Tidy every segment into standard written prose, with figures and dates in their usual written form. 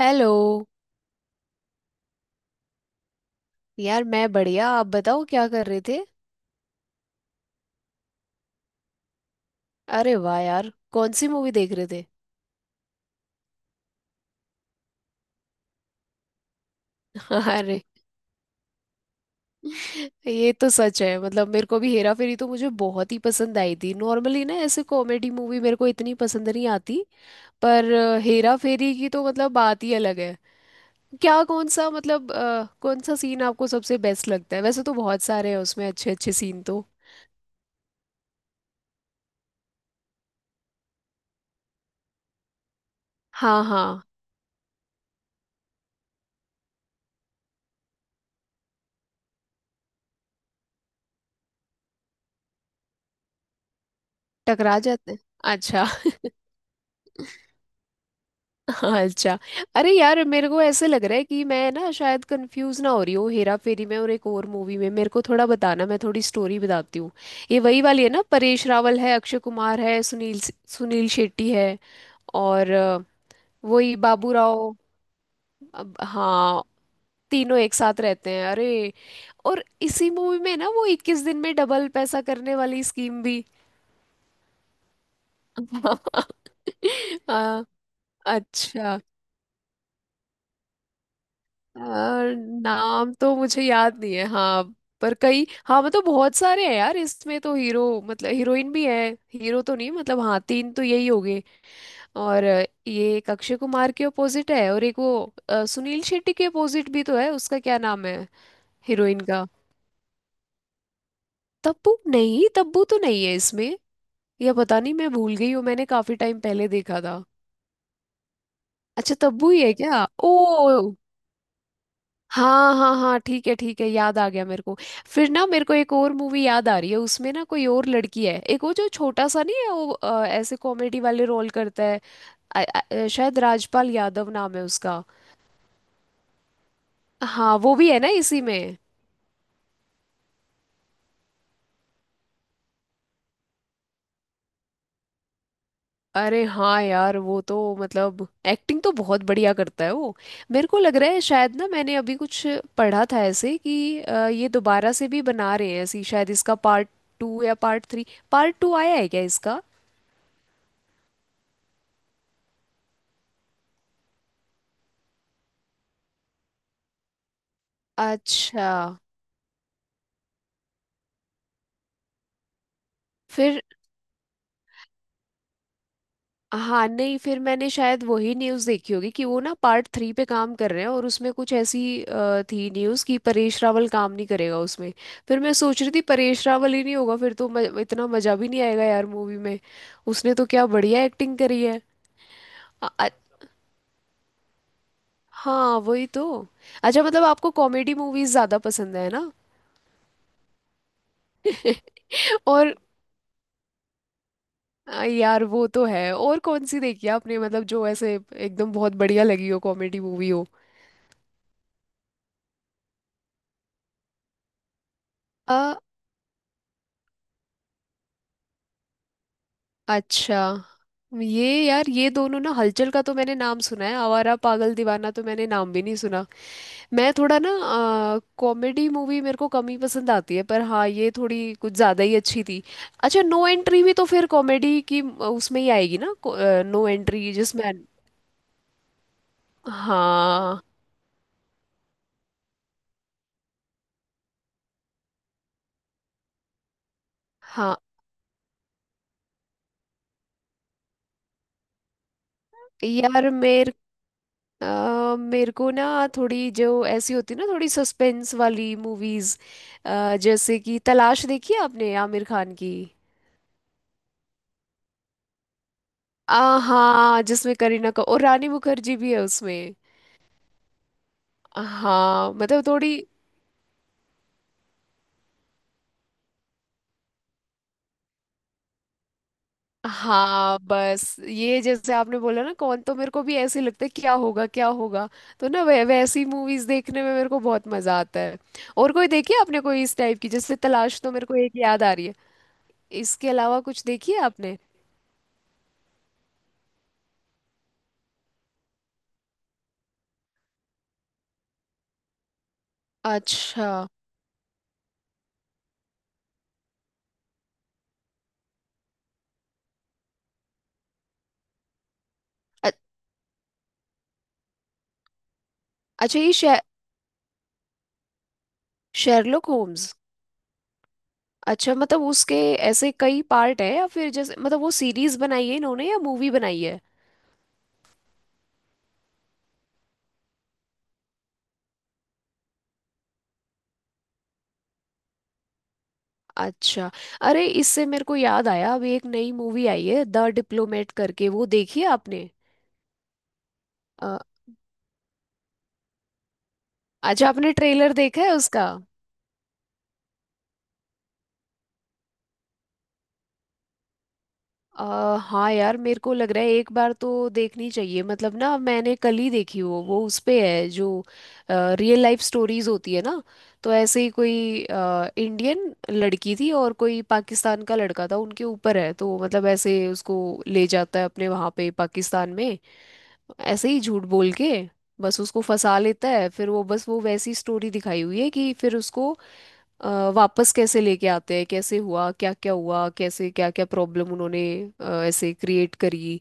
Hello. यार मैं बढ़िया। आप बताओ क्या कर रहे थे? अरे वाह यार, कौन सी मूवी देख रहे थे? अरे, ये तो सच है। मतलब मेरे को भी हेरा फेरी तो मुझे बहुत ही पसंद आई थी। नॉर्मली ना ऐसे कॉमेडी मूवी मेरे को इतनी पसंद नहीं आती। पर हेरा फेरी की तो मतलब बात ही अलग है। क्या कौन सा मतलब कौन सा सीन आपको सबसे बेस्ट लगता है? वैसे तो बहुत सारे हैं उसमें अच्छे अच्छे सीन तो। हाँ हाँ, टकरा जाते हैं। अच्छा। हाँ अच्छा। अरे यार, मेरे को ऐसे लग रहा है कि मैं ना शायद कंफ्यूज ना हो रही हूँ हेरा फेरी में और एक और मूवी में। मेरे को थोड़ा बताना, मैं थोड़ी स्टोरी बताती हूँ। ये वही वाली है ना? परेश रावल है, अक्षय कुमार है, सुनील सुनील शेट्टी है। और वही बाबू राव। हाँ। तीनों एक साथ रहते हैं। अरे और इसी मूवी में ना वो इक्कीस दिन में डबल पैसा करने वाली स्कीम भी। हाँ अच्छा। अ, नाम तो मुझे याद नहीं है। हाँ पर कई, हाँ मतलब बहुत सारे हैं यार इसमें तो। हीरो मतलब हीरोइन भी है। हीरो तो नहीं, मतलब हाँ तीन तो यही हो गए। और ये एक अक्षय कुमार के अपोजिट है और एक वो सुनील शेट्टी के अपोजिट भी तो है। उसका क्या नाम है हीरोइन का? तब्बू? नहीं तब्बू तो नहीं है इसमें। या पता नहीं मैं भूल गई हूँ, मैंने काफी टाइम पहले देखा था। अच्छा तब्बू ही है क्या? ओ हाँ हाँ हाँ, ठीक है ठीक है, याद आ गया मेरे को। फिर ना मेरे को एक और मूवी याद आ रही है, उसमें ना कोई और लड़की है। एक वो जो छोटा सा नहीं है वो ऐसे कॉमेडी वाले रोल करता है। शायद राजपाल यादव नाम है उसका। हाँ वो भी है ना इसी में। अरे हाँ यार वो तो मतलब एक्टिंग तो बहुत बढ़िया करता है वो। मेरे को लग रहा है शायद ना मैंने अभी कुछ पढ़ा था ऐसे कि ये दोबारा से भी बना रहे हैं ऐसी, शायद इसका पार्ट टू या पार्ट थ्री। पार्ट टू आया है क्या इसका? अच्छा। फिर हाँ नहीं, फिर मैंने शायद वही न्यूज़ देखी होगी कि वो ना पार्ट थ्री पे काम कर रहे हैं और उसमें कुछ ऐसी थी न्यूज़ कि परेश रावल काम नहीं करेगा उसमें। फिर मैं सोच रही थी परेश रावल ही नहीं होगा फिर तो इतना मज़ा भी नहीं आएगा यार मूवी में। उसने तो क्या बढ़िया एक्टिंग करी है। अ- अ- हाँ वही तो। अच्छा मतलब आपको कॉमेडी मूवीज़ ज़्यादा पसंद है ना? और यार वो तो है। और कौन सी देखी है आपने, मतलब जो ऐसे एकदम बहुत बढ़िया लगी हो, कॉमेडी मूवी हो? अच्छा ये यार, ये दोनों ना, हलचल का तो मैंने नाम सुना है, आवारा पागल दीवाना तो मैंने नाम भी नहीं सुना। मैं थोड़ा ना कॉमेडी मूवी मेरे को कम ही पसंद आती है, पर हाँ ये थोड़ी कुछ ज़्यादा ही अच्छी थी। अच्छा नो एंट्री भी तो फिर कॉमेडी की उसमें ही आएगी ना? नो एंट्री जिसमें। हाँ। हाँ यार, मेरे को ना थोड़ी जो ऐसी होती ना, थोड़ी सस्पेंस वाली मूवीज। जैसे कि तलाश देखी है आपने, आमिर खान की? आ हाँ, जिसमें करीना का और रानी मुखर्जी भी है उसमें। हाँ मतलब थोड़ी, हाँ बस ये जैसे आपने बोला ना, कौन, तो मेरे को भी ऐसे ही लगता है क्या होगा क्या होगा। तो ना वै वैसी मूवीज देखने में मेरे को बहुत मजा आता है। और कोई देखी है आपने कोई इस टाइप की? जैसे तलाश तो मेरे को एक याद आ रही है, इसके अलावा कुछ देखी है आपने? अच्छा। अ- अच्छा ये शेरलॉक होम्स। अच्छा मतलब उसके ऐसे कई पार्ट है? या फिर जैसे मतलब वो सीरीज बनाई है इन्होंने या मूवी बनाई है? अच्छा। अरे इससे मेरे को याद आया, अभी एक नई मूवी आई है द डिप्लोमेट करके, वो देखी है आपने? अ, अच्छा आपने ट्रेलर देखा है उसका? अ हाँ यार, मेरे को लग रहा है एक बार तो देखनी चाहिए। मतलब ना मैंने कल ही देखी। वो उस पे है जो रियल लाइफ स्टोरीज होती है ना, तो ऐसे ही कोई इंडियन लड़की थी और कोई पाकिस्तान का लड़का था, उनके ऊपर है। तो मतलब ऐसे उसको ले जाता है अपने वहाँ पे पाकिस्तान में, ऐसे ही झूठ बोल के बस उसको फंसा लेता है। फिर वो बस वो वैसी स्टोरी दिखाई हुई है कि फिर उसको वापस कैसे लेके आते हैं, कैसे हुआ, क्या क्या हुआ, कैसे क्या क्या प्रॉब्लम उन्होंने ऐसे क्रिएट करी।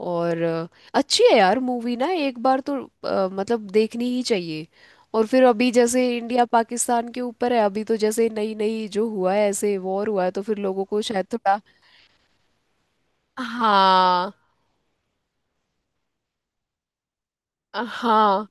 और अच्छी है यार मूवी, ना एक बार तो मतलब देखनी ही चाहिए। और फिर अभी जैसे इंडिया पाकिस्तान के ऊपर है, अभी तो जैसे नई नई जो हुआ है ऐसे वॉर हुआ है तो फिर लोगों को शायद थोड़ा। हाँ। हाँ।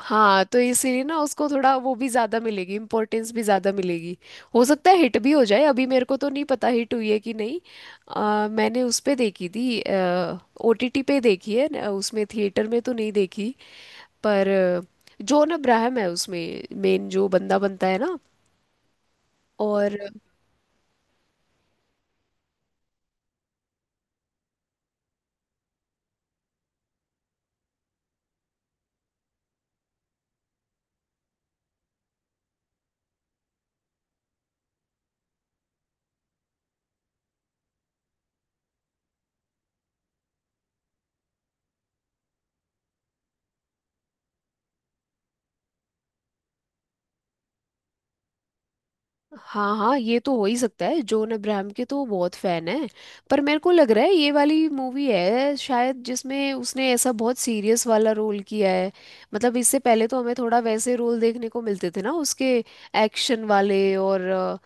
हाँ तो इसीलिए ना उसको थोड़ा वो भी ज्यादा मिलेगी, इम्पोर्टेंस भी ज्यादा मिलेगी। हो सकता है हिट भी हो जाए, अभी मेरे को तो नहीं पता हिट हुई है कि नहीं। मैंने उस पे देखी थी, ओटीटी पे देखी है, उसमें थिएटर में तो नहीं देखी। पर जॉन अब्राहम है उसमें मेन जो बंदा बनता है ना। और हाँ हाँ, ये तो हो ही सकता है, जॉन अब्राहम के तो वो बहुत फैन है। पर मेरे को लग रहा है ये वाली मूवी है शायद जिसमें उसने ऐसा बहुत सीरियस वाला रोल किया है। मतलब इससे पहले तो हमें थोड़ा वैसे रोल देखने को मिलते थे ना उसके, एक्शन वाले और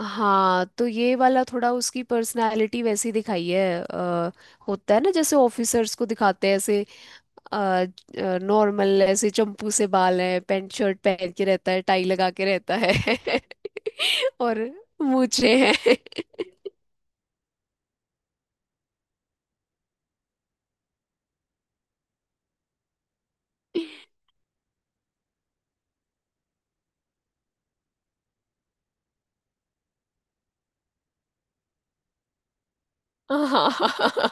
हाँ तो ये वाला थोड़ा उसकी पर्सनालिटी वैसी दिखाई है। होता है ना जैसे ऑफिसर्स को दिखाते हैं ऐसे नॉर्मल, ऐसे चंपू से बाल है, पैंट शर्ट पहन के रहता है, टाई लगा के रहता है। और मूछें हैं। हाँ।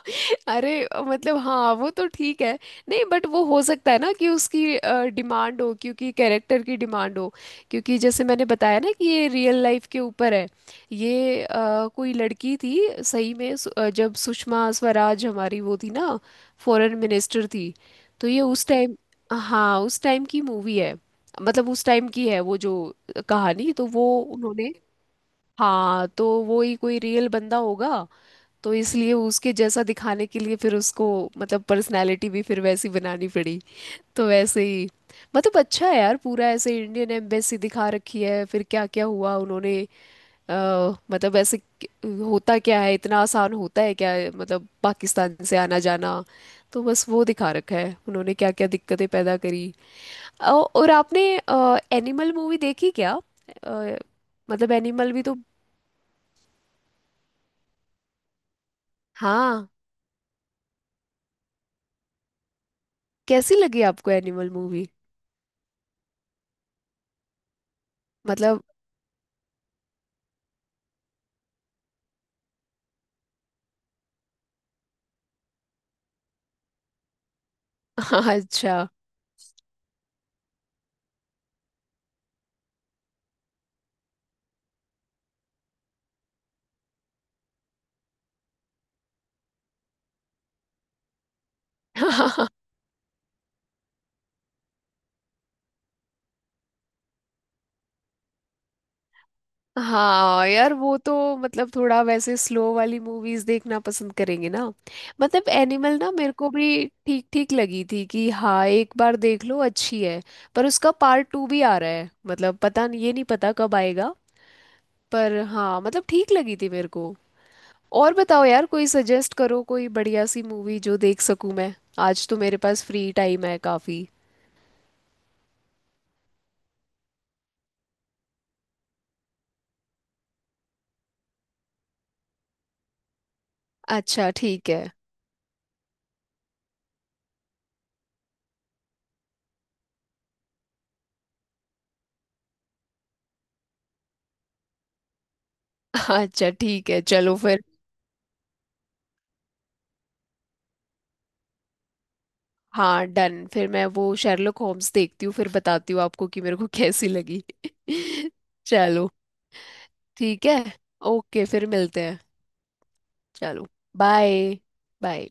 अरे, मतलब हाँ वो तो ठीक है। नहीं बट वो हो सकता है ना कि उसकी डिमांड हो, क्योंकि कैरेक्टर की डिमांड हो। क्योंकि जैसे मैंने बताया ना कि ये रियल लाइफ के ऊपर है। ये कोई लड़की थी सही में, जब सुषमा स्वराज हमारी वो थी ना, फॉरेन मिनिस्टर थी, तो ये उस टाइम। हाँ उस टाइम की मूवी है। मतलब उस टाइम की है, वो जो कहानी तो वो उन्होंने। हाँ तो वो ही कोई रियल बंदा होगा, तो इसलिए उसके जैसा दिखाने के लिए फिर उसको मतलब पर्सनालिटी भी फिर वैसी बनानी पड़ी। तो वैसे ही मतलब अच्छा है यार, पूरा ऐसे इंडियन एम्बेसी दिखा रखी है, फिर क्या क्या हुआ उन्होंने अ, मतलब ऐसे होता क्या है? इतना आसान होता है क्या, मतलब पाकिस्तान से आना जाना? तो बस वो दिखा रखा है उन्होंने क्या क्या दिक्कतें पैदा करी। और आपने एनिमल मूवी देखी क्या? अ, मतलब एनिमल भी तो। हाँ कैसी लगी आपको एनिमल मूवी? मतलब हाँ, अच्छा। हाँ यार वो तो मतलब थोड़ा वैसे स्लो वाली मूवीज देखना पसंद करेंगे ना। मतलब एनिमल ना मेरे को भी ठीक ठीक लगी थी कि हाँ एक बार देख लो अच्छी है। पर उसका पार्ट टू भी आ रहा है, मतलब पता नहीं, ये नहीं पता कब आएगा। पर हाँ मतलब ठीक लगी थी मेरे को। और बताओ यार, कोई सजेस्ट करो कोई बढ़िया सी मूवी जो देख सकूं मैं। आज तो मेरे पास फ्री टाइम है काफी। अच्छा ठीक है। अच्छा ठीक है, चलो फिर। हाँ डन, फिर मैं वो शेरलॉक होम्स देखती हूँ फिर बताती हूँ आपको कि मेरे को कैसी लगी। चलो ठीक है। ओके फिर मिलते हैं। चलो बाय। बाय।